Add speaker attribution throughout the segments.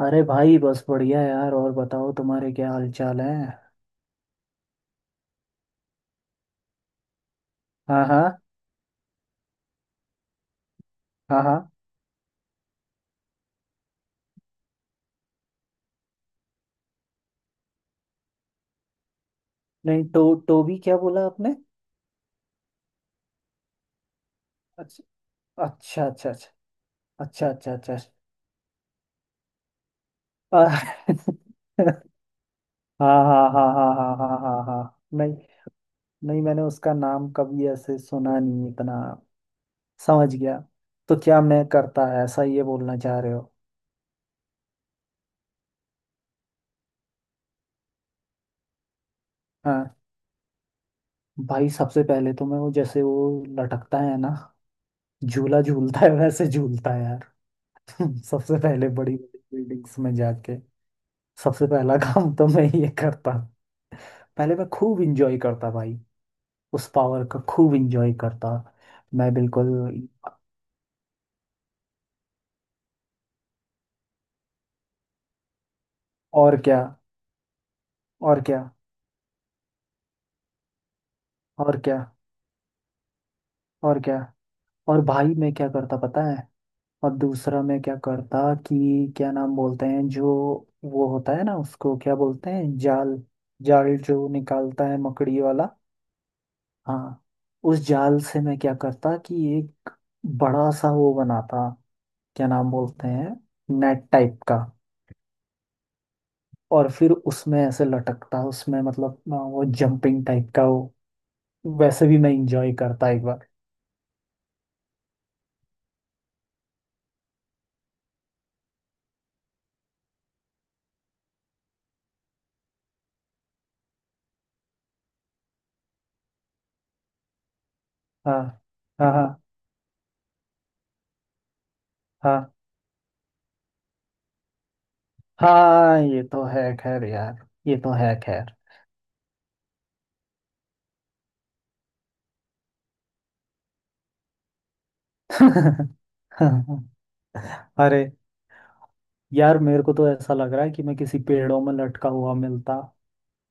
Speaker 1: अरे भाई बस बढ़िया यार। और बताओ, तुम्हारे क्या हाल चाल है? हाँ, हाँ। हाँ, हाँ। नहीं, तो टोबी क्या बोला आपने? अच्छा, अच्छा, अच्छा, अच्छा, अच्छा, अच्छा, अच्छा। अ- हाँ, हाँ, हाँ, हाँ, हाँ, हाँ, हाँ, हाँ। नहीं, नहीं मैंने उसका नाम कभी ऐसे सुना नहीं इतना। समझ गया। तो क्या मैं करता है ऐसा, ये बोलना चाह रहे हो? हाँ। भाई सबसे पहले तो मैं वो, जैसे वो लटकता है ना, झूला झूलता है वैसे झूलता है यार। सबसे पहले बड़ी बड़ी बिल्डिंग्स में जाके, सबसे पहला काम तो मैं ये करता। पहले मैं खूब इंजॉय करता भाई। उस पावर का खूब इंजॉय करता मैं, बिल्कुल। और क्या, और क्या, और क्या, और क्या। और भाई मैं क्या करता पता है, और दूसरा मैं क्या करता, कि क्या नाम बोलते हैं जो, वो होता है ना, उसको क्या बोलते हैं, जाल। जाल जो निकालता है मकड़ी वाला। हाँ। उस जाल से मैं क्या करता कि एक बड़ा सा वो बनाता, क्या नाम बोलते हैं, नेट टाइप का। और फिर उसमें ऐसे लटकता उसमें मतलब वो जंपिंग टाइप का वो, वैसे भी मैं इंजॉय करता एक बार। हाँ, हाँ, हाँ, हाँ, हाँ। ये तो है खैर यार। ये तो है खैर। अरे यार, मेरे को तो ऐसा लग रहा है कि मैं किसी पेड़ों में लटका हुआ मिलता।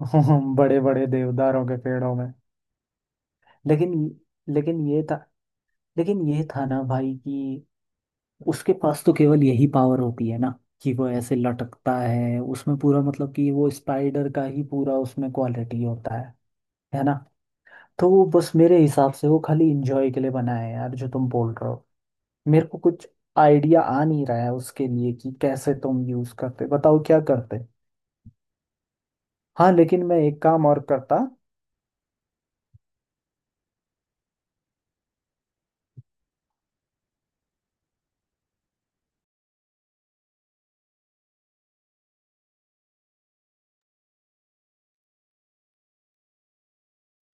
Speaker 1: बड़े बड़े देवदारों के पेड़ों में। लेकिन लेकिन ये था लेकिन ये था ना भाई, कि उसके पास तो केवल यही पावर होती है ना, कि वो ऐसे लटकता है उसमें, पूरा मतलब कि वो स्पाइडर का ही पूरा उसमें क्वालिटी होता है ना? तो वो बस मेरे हिसाब से वो खाली इंजॉय के लिए बना है यार, जो तुम बोल रहे हो। मेरे को कुछ आइडिया आ नहीं रहा है उसके लिए, कि कैसे तुम यूज करते, बताओ क्या करते। हाँ लेकिन मैं एक काम और करता।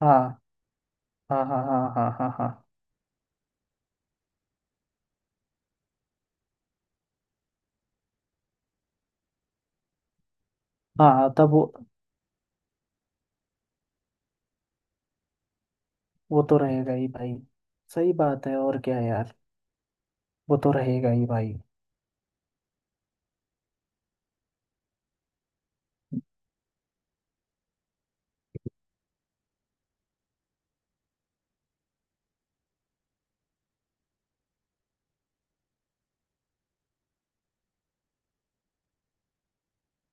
Speaker 1: हाँ, हाँ, हाँ, हाँ, हाँ, हाँ, हाँ, हाँ। हाँ, तब वो तो रहेगा ही भाई। सही बात है और क्या यार। वो तो रहेगा ही भाई।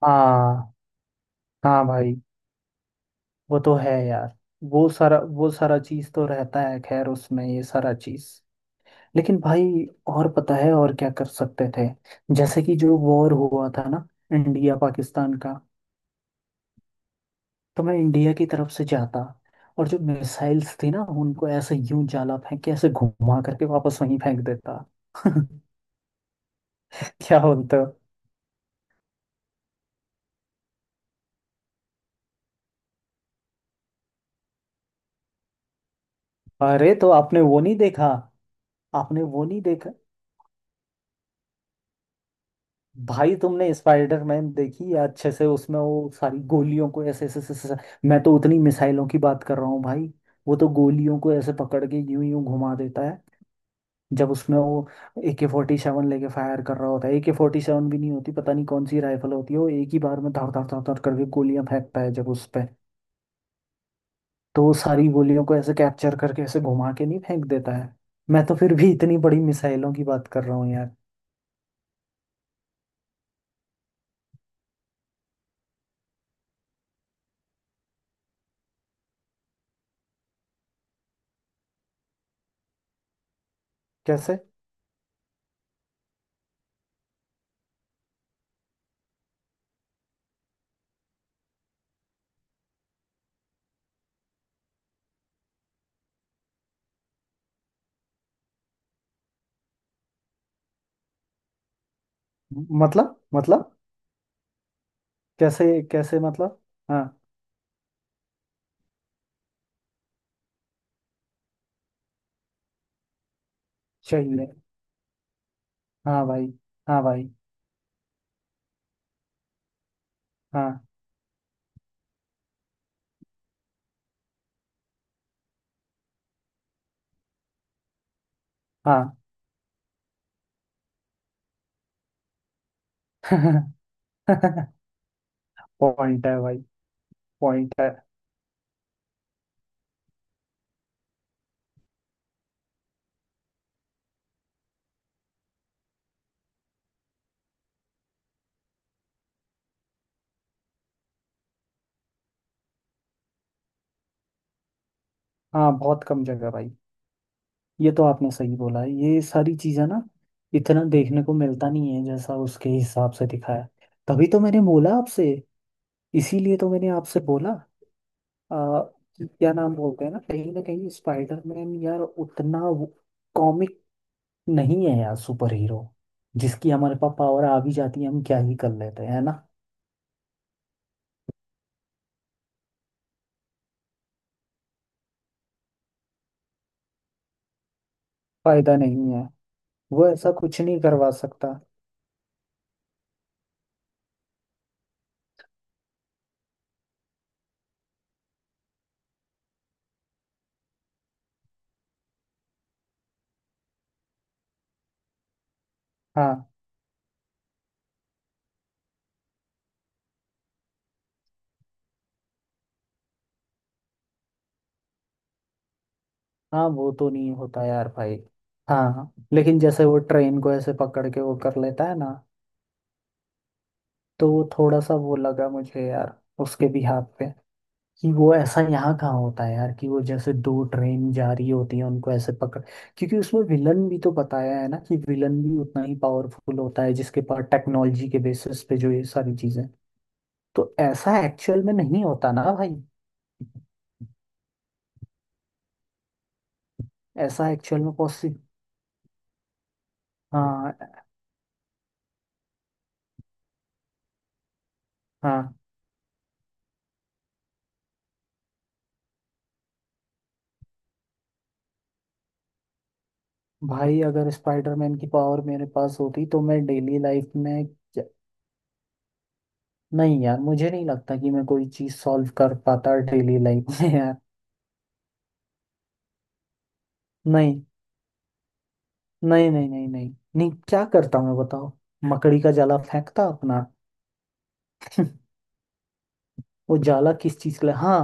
Speaker 1: हाँ। हाँ भाई, वो तो है यार। वो सारा चीज़ तो रहता है खैर उसमें, ये सारा चीज़। लेकिन भाई, और पता है और क्या कर सकते थे? जैसे कि जो वॉर हुआ था ना, इंडिया पाकिस्तान का, तो मैं इंडिया की तरफ से जाता। और जो मिसाइल्स थी ना, उनको ऐसे यूं जाला फेंक के ऐसे घुमा करके वापस वहीं फेंक देता। क्या बोलते हो? अरे तो आपने वो नहीं देखा? आपने वो नहीं देखा? भाई तुमने स्पाइडरमैन देखी या अच्छे से? उसमें वो सारी गोलियों को ऐसे ऐसे ऐसे ऐसे- मैं तो उतनी मिसाइलों की बात कर रहा हूँ भाई। वो तो गोलियों को ऐसे पकड़ के यूं यूं घुमा देता है, जब उसमें वो AK-47 लेके फायर कर रहा होता है। AK-47 भी नहीं होती, पता नहीं कौन सी राइफल होती है, वो एक ही बार में धड़ धड़ धड़ धड़ करके गोलियां फेंकता है जब उस पे, तो वो सारी गोलियों को ऐसे कैप्चर करके ऐसे घुमा के नहीं फेंक देता है? मैं तो फिर भी इतनी बड़ी मिसाइलों की बात कर रहा हूँ यार। कैसे? मतलब। कैसे कैसे मतलब? हाँ। सही है। हाँ भाई। हाँ भाई। हाँ, हाँ। पॉइंट है भाई। पॉइंट है। हाँ, बहुत कम जगह भाई। ये तो आपने सही बोला है, ये सारी चीजें ना इतना देखने को मिलता नहीं है जैसा उसके हिसाब से दिखाया। तभी तो मैंने बोला आपसे। इसीलिए तो मैंने आपसे बोला आ, कि क्या नाम बोलते हैं ना, कहीं ना कहीं स्पाइडरमैन यार उतना कॉमिक नहीं है यार, सुपर हीरो जिसकी हमारे पास पावर आ भी जाती है, हम क्या ही कर लेते हैं, है ना? फायदा नहीं है। वो ऐसा कुछ नहीं करवा सकता। हाँ, हाँ वो तो नहीं होता यार भाई। हाँ लेकिन जैसे वो ट्रेन को ऐसे पकड़ के वो कर लेता है ना, तो वो थोड़ा सा वो लगा मुझे यार उसके भी हाथ पे, कि वो ऐसा यहाँ कहाँ होता है यार कि वो जैसे दो ट्रेन जा रही होती है उनको ऐसे पकड़। क्योंकि उसमें विलन भी तो बताया है ना, कि विलन भी उतना ही पावरफुल होता है, जिसके पास टेक्नोलॉजी के बेसिस पे जो ये सारी चीजें। तो ऐसा एक्चुअल में नहीं होता ना भाई। ऐसा एक्चुअल में पॉसिबल। हाँ। हाँ भाई, अगर स्पाइडरमैन की पावर मेरे पास होती तो मैं डेली लाइफ में क्या- नहीं यार, मुझे नहीं लगता कि मैं कोई चीज सॉल्व कर पाता डेली लाइफ में यार। नहीं, नहीं, नहीं, नहीं, नहीं, नहीं, क्या करता मैं बताओ। मकड़ी का जाला फेंकता अपना। वो जाला किस चीज के लिए? हाँ।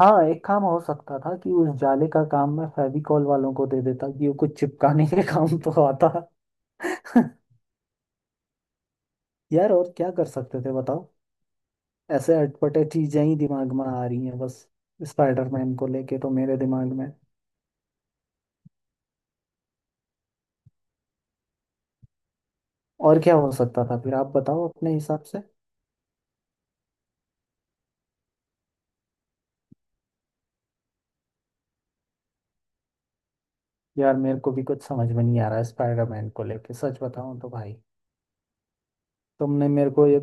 Speaker 1: हाँ, एक काम हो सकता था कि उस जाले का काम मैं फेविकॉल वालों को दे देता, कि वो कुछ चिपकाने के काम तो आता। यार और क्या कर सकते थे बताओ। ऐसे अटपटे चीजें ही दिमाग में आ रही हैं बस, स्पाइडरमैन को लेके तो मेरे दिमाग में। और क्या हो सकता था फिर आप बताओ अपने हिसाब से। यार मेरे को भी कुछ समझ में नहीं आ रहा है स्पाइडरमैन को लेके, सच बताऊं तो भाई। तुमने मेरे को ये,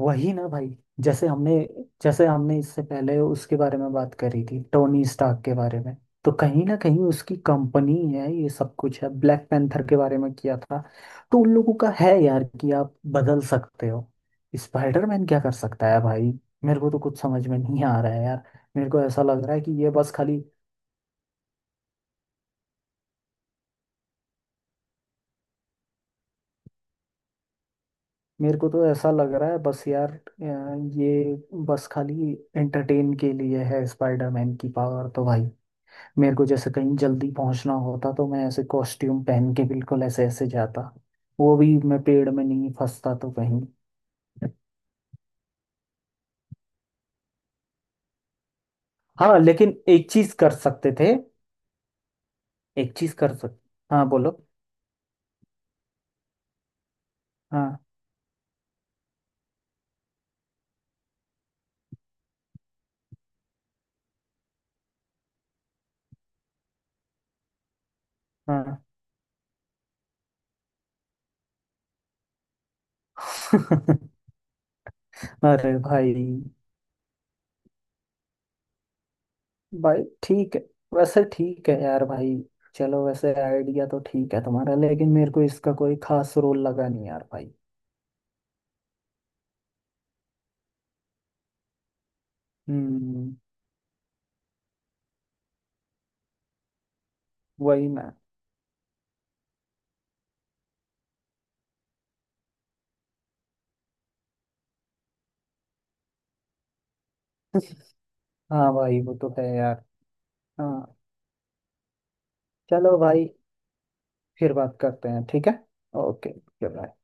Speaker 1: वही ना भाई। जैसे हमने जैसे हमने इससे पहले उसके बारे में बात करी थी टोनी स्टार्क के बारे में। तो कहीं ना कहीं उसकी कंपनी है, ये सब कुछ है। ब्लैक पैंथर के बारे में किया था। तो उन लोगों का है यार, कि आप बदल सकते हो। स्पाइडरमैन क्या कर सकता है भाई? मेरे को तो कुछ समझ में नहीं आ रहा है यार। मेरे को ऐसा लग रहा है कि ये बस खाली। मेरे को तो ऐसा लग रहा है बस यार ये बस खाली एंटरटेन के लिए है स्पाइडरमैन की पावर तो भाई। मेरे को जैसे कहीं जल्दी पहुंचना होता तो मैं ऐसे कॉस्ट्यूम पहन के बिल्कुल ऐसे ऐसे जाता। वो भी मैं पेड़ में नहीं फंसता तो कहीं। हाँ लेकिन एक चीज कर सकते थे। एक चीज कर सकते, हाँ बोलो। हाँ। हाँ। अरे भाई। भाई ठीक है। वैसे ठीक है यार भाई। चलो वैसे आइडिया तो ठीक है तुम्हारा, लेकिन मेरे को इसका कोई खास रोल लगा नहीं यार भाई। हम्म। वही ना। हाँ भाई वो तो है यार। हाँ। चलो भाई। फिर बात करते हैं, ठीक है। ओके। बाय।